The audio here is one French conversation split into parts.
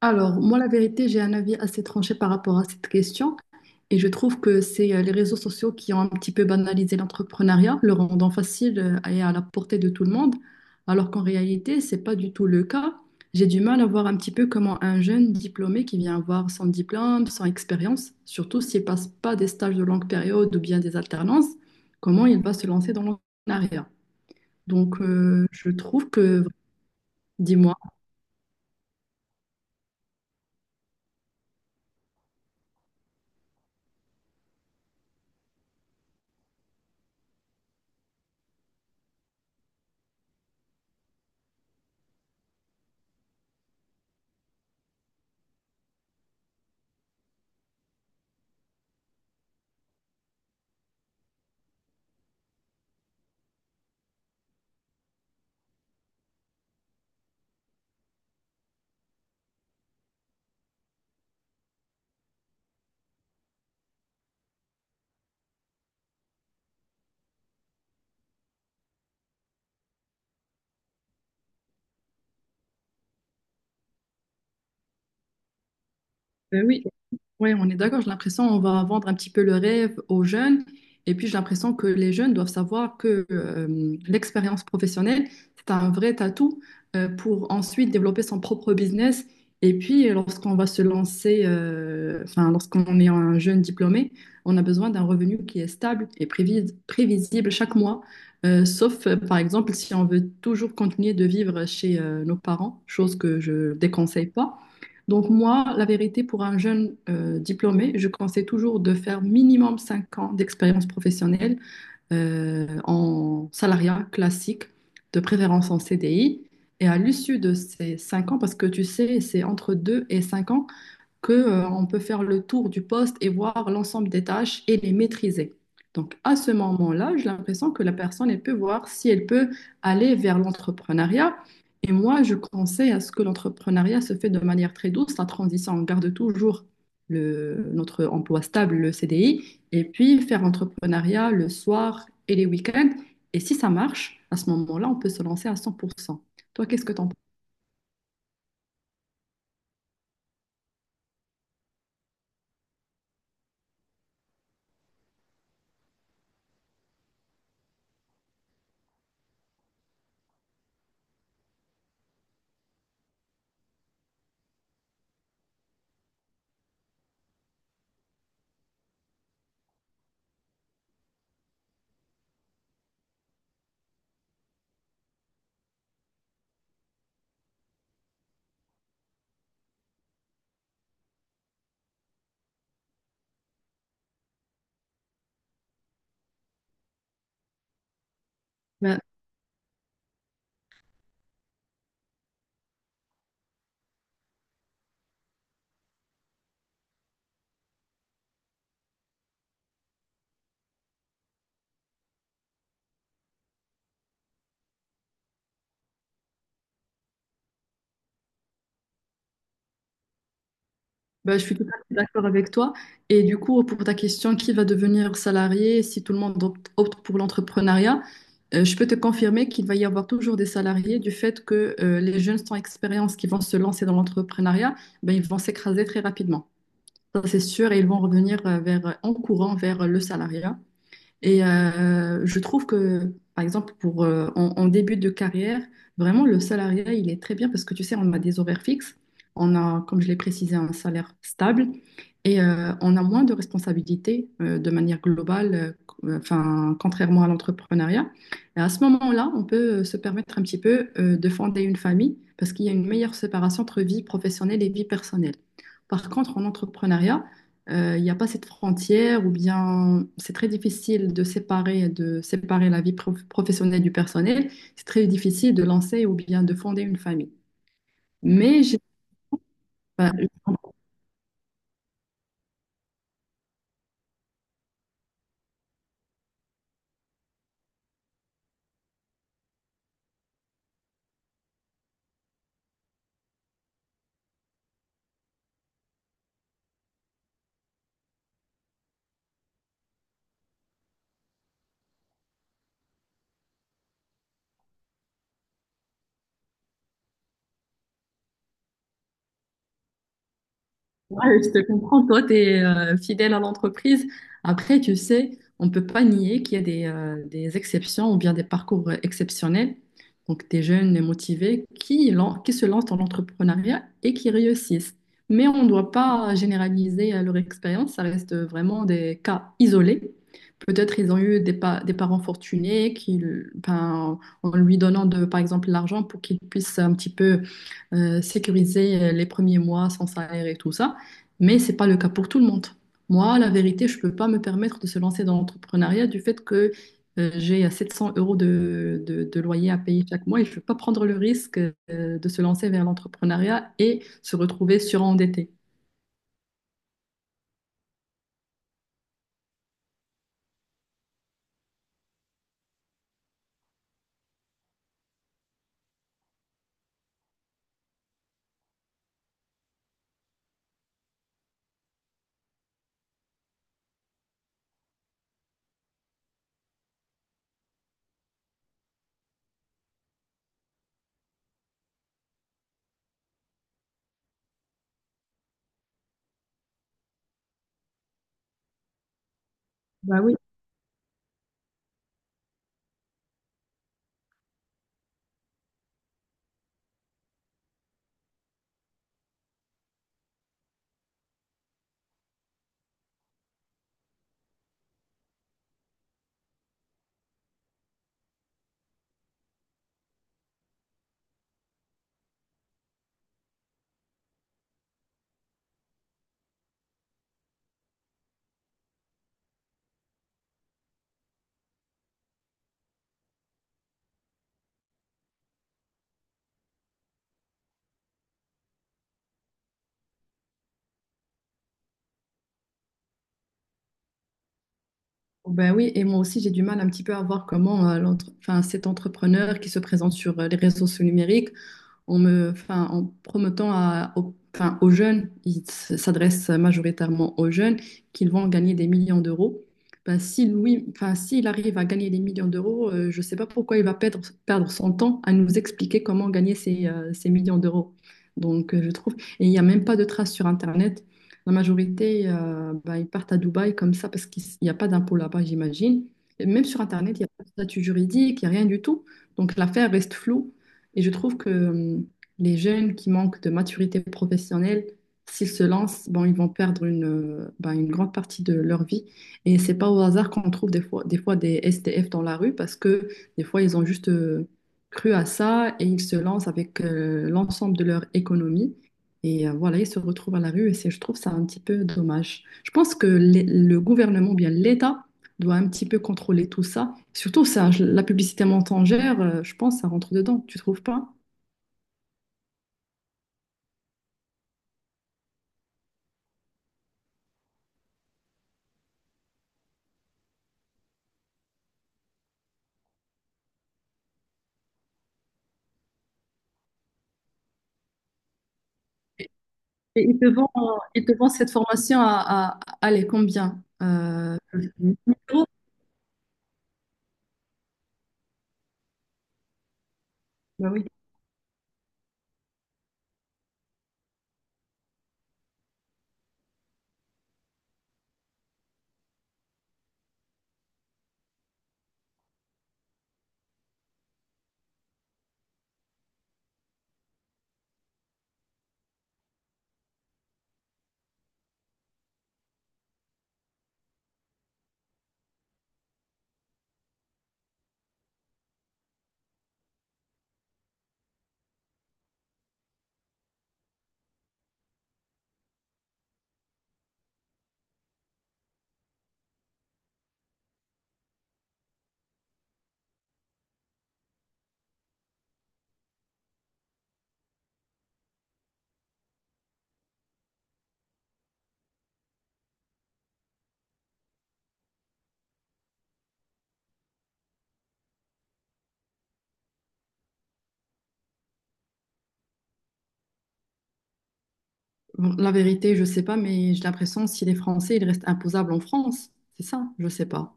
Alors, moi, la vérité, j'ai un avis assez tranché par rapport à cette question et je trouve que c'est les réseaux sociaux qui ont un petit peu banalisé l'entrepreneuriat, le rendant facile et à la portée de tout le monde, alors qu'en réalité, c'est pas du tout le cas. J'ai du mal à voir un petit peu comment un jeune diplômé qui vient avoir sans diplôme, sans expérience, surtout s'il passe pas des stages de longue période ou bien des alternances, comment il va se lancer dans l'entrepreneuriat. Donc, je trouve que, dis-moi. Ben oui, oui, on est d'accord. J'ai l'impression qu'on va vendre un petit peu le rêve aux jeunes. Et puis, j'ai l'impression que les jeunes doivent savoir que l'expérience professionnelle, c'est un vrai atout pour ensuite développer son propre business. Et puis, lorsqu'on va se lancer, lorsqu'on est un jeune diplômé, on a besoin d'un revenu qui est stable et prévisible chaque mois. Sauf, par exemple, si on veut toujours continuer de vivre chez nos parents, chose que je déconseille pas. Donc moi, la vérité, pour un jeune diplômé, je conseille toujours de faire minimum 5 ans d'expérience professionnelle en salariat classique, de préférence en CDI. Et à l'issue de ces 5 ans, parce que tu sais, c'est entre 2 et 5 ans, que on peut faire le tour du poste et voir l'ensemble des tâches et les maîtriser. Donc, à ce moment-là, j'ai l'impression que la personne, elle peut voir si elle peut aller vers l'entrepreneuriat. Et moi, je conseille à ce que l'entrepreneuriat se fait de manière très douce, la transition. On garde toujours le, notre emploi stable, le CDI, et puis faire l'entrepreneuriat le soir et les week-ends. Et si ça marche, à ce moment-là, on peut se lancer à 100%. Toi, qu'est-ce que tu en penses? Bah, je suis tout à fait d'accord avec toi. Et du coup, pour ta question, qui va devenir salarié si tout le monde opte pour l'entrepreneuriat, je peux te confirmer qu'il va y avoir toujours des salariés du fait que les jeunes sans expérience qui vont se lancer dans l'entrepreneuriat, ben, ils vont s'écraser très rapidement. Ça, c'est sûr, et ils vont revenir vers, en courant vers le salariat. Et je trouve que, par exemple, pour, en début de carrière, vraiment, le salariat, il est très bien parce que, tu sais, on a des horaires fixes, on a, comme je l'ai précisé, un salaire stable et on a moins de responsabilités de manière globale, contrairement à l'entrepreneuriat. Et à ce moment-là, on peut se permettre un petit peu de fonder une famille parce qu'il y a une meilleure séparation entre vie professionnelle et vie personnelle. Par contre, en entrepreneuriat, il n'y a pas cette frontière ou bien c'est très difficile de séparer la vie professionnelle du personnel. C'est très difficile de lancer ou bien de fonder une famille. Mais j'ai- enfin, Ouais, je te comprends, toi, tu es fidèle à l'entreprise. Après, tu sais, on ne peut pas nier qu'il y a des exceptions ou bien des parcours exceptionnels. Donc, des jeunes et motivés qui se lancent dans l'entrepreneuriat et qui réussissent. Mais on ne doit pas généraliser leur expérience, ça reste vraiment des cas isolés. Peut-être ils ont eu des, des parents fortunés qui, ben, en lui donnant de, par exemple, l'argent pour qu'ils puissent un petit peu sécuriser les premiers mois sans salaire et tout ça, mais c'est pas le cas pour tout le monde. Moi, la vérité, je peux pas me permettre de se lancer dans l'entrepreneuriat du fait que j'ai 700 euros de loyer à payer chaque mois et je ne veux pas prendre le risque de se lancer vers l'entrepreneuriat et se retrouver surendetté. Bah oui. Bah oui, et moi aussi j'ai du mal un petit peu à voir comment cet entrepreneur qui se présente sur les réseaux sociaux numériques, en promettant aux jeunes, ils s'adressent majoritairement aux jeunes, qu'ils vont gagner des millions d'euros. Ben, si Louis, enfin, s'il arrive à gagner des millions d'euros, je ne sais pas pourquoi il va perdre son temps à nous expliquer comment gagner ces, ces millions d'euros. Donc, je trouve, et il n'y a même pas de traces sur Internet. La majorité, ben, ils partent à Dubaï comme ça parce qu'il n'y a pas d'impôt là-bas, j'imagine. Et même sur Internet, il n'y a pas de statut juridique, il n'y a rien du tout. Donc l'affaire reste floue. Et je trouve que les jeunes qui manquent de maturité professionnelle, s'ils se lancent, bon, ils vont perdre ben, une grande partie de leur vie. Et c'est pas au hasard qu'on trouve des fois, des fois des SDF dans la rue parce que des fois, ils ont juste cru à ça et ils se lancent avec l'ensemble de leur économie. Et voilà, ils se retrouvent à la rue et c'est, je trouve ça un petit peu dommage. Je pense que le gouvernement, ou bien l'État, doit un petit peu contrôler tout ça. Surtout ça, la publicité mensongère, je pense, ça rentre dedans, tu trouves pas? Et et ils te vendent cette formation à, allez, combien? 1 000 euros. Bah oui. Bon, la vérité, je sais pas, mais j'ai l'impression si les Français, ils restent imposables en France. C'est ça, je sais pas.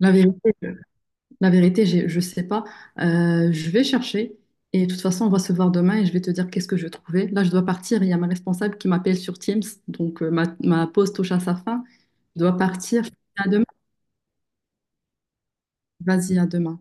La vérité. Je sais pas. Je vais chercher et de toute façon, on va se voir demain et je vais te dire qu'est-ce que je trouvais. Là, je dois partir. Il y a ma responsable qui m'appelle sur Teams. Donc, ma pause touche à sa fin. Je dois partir. À demain. Vas-y, à demain.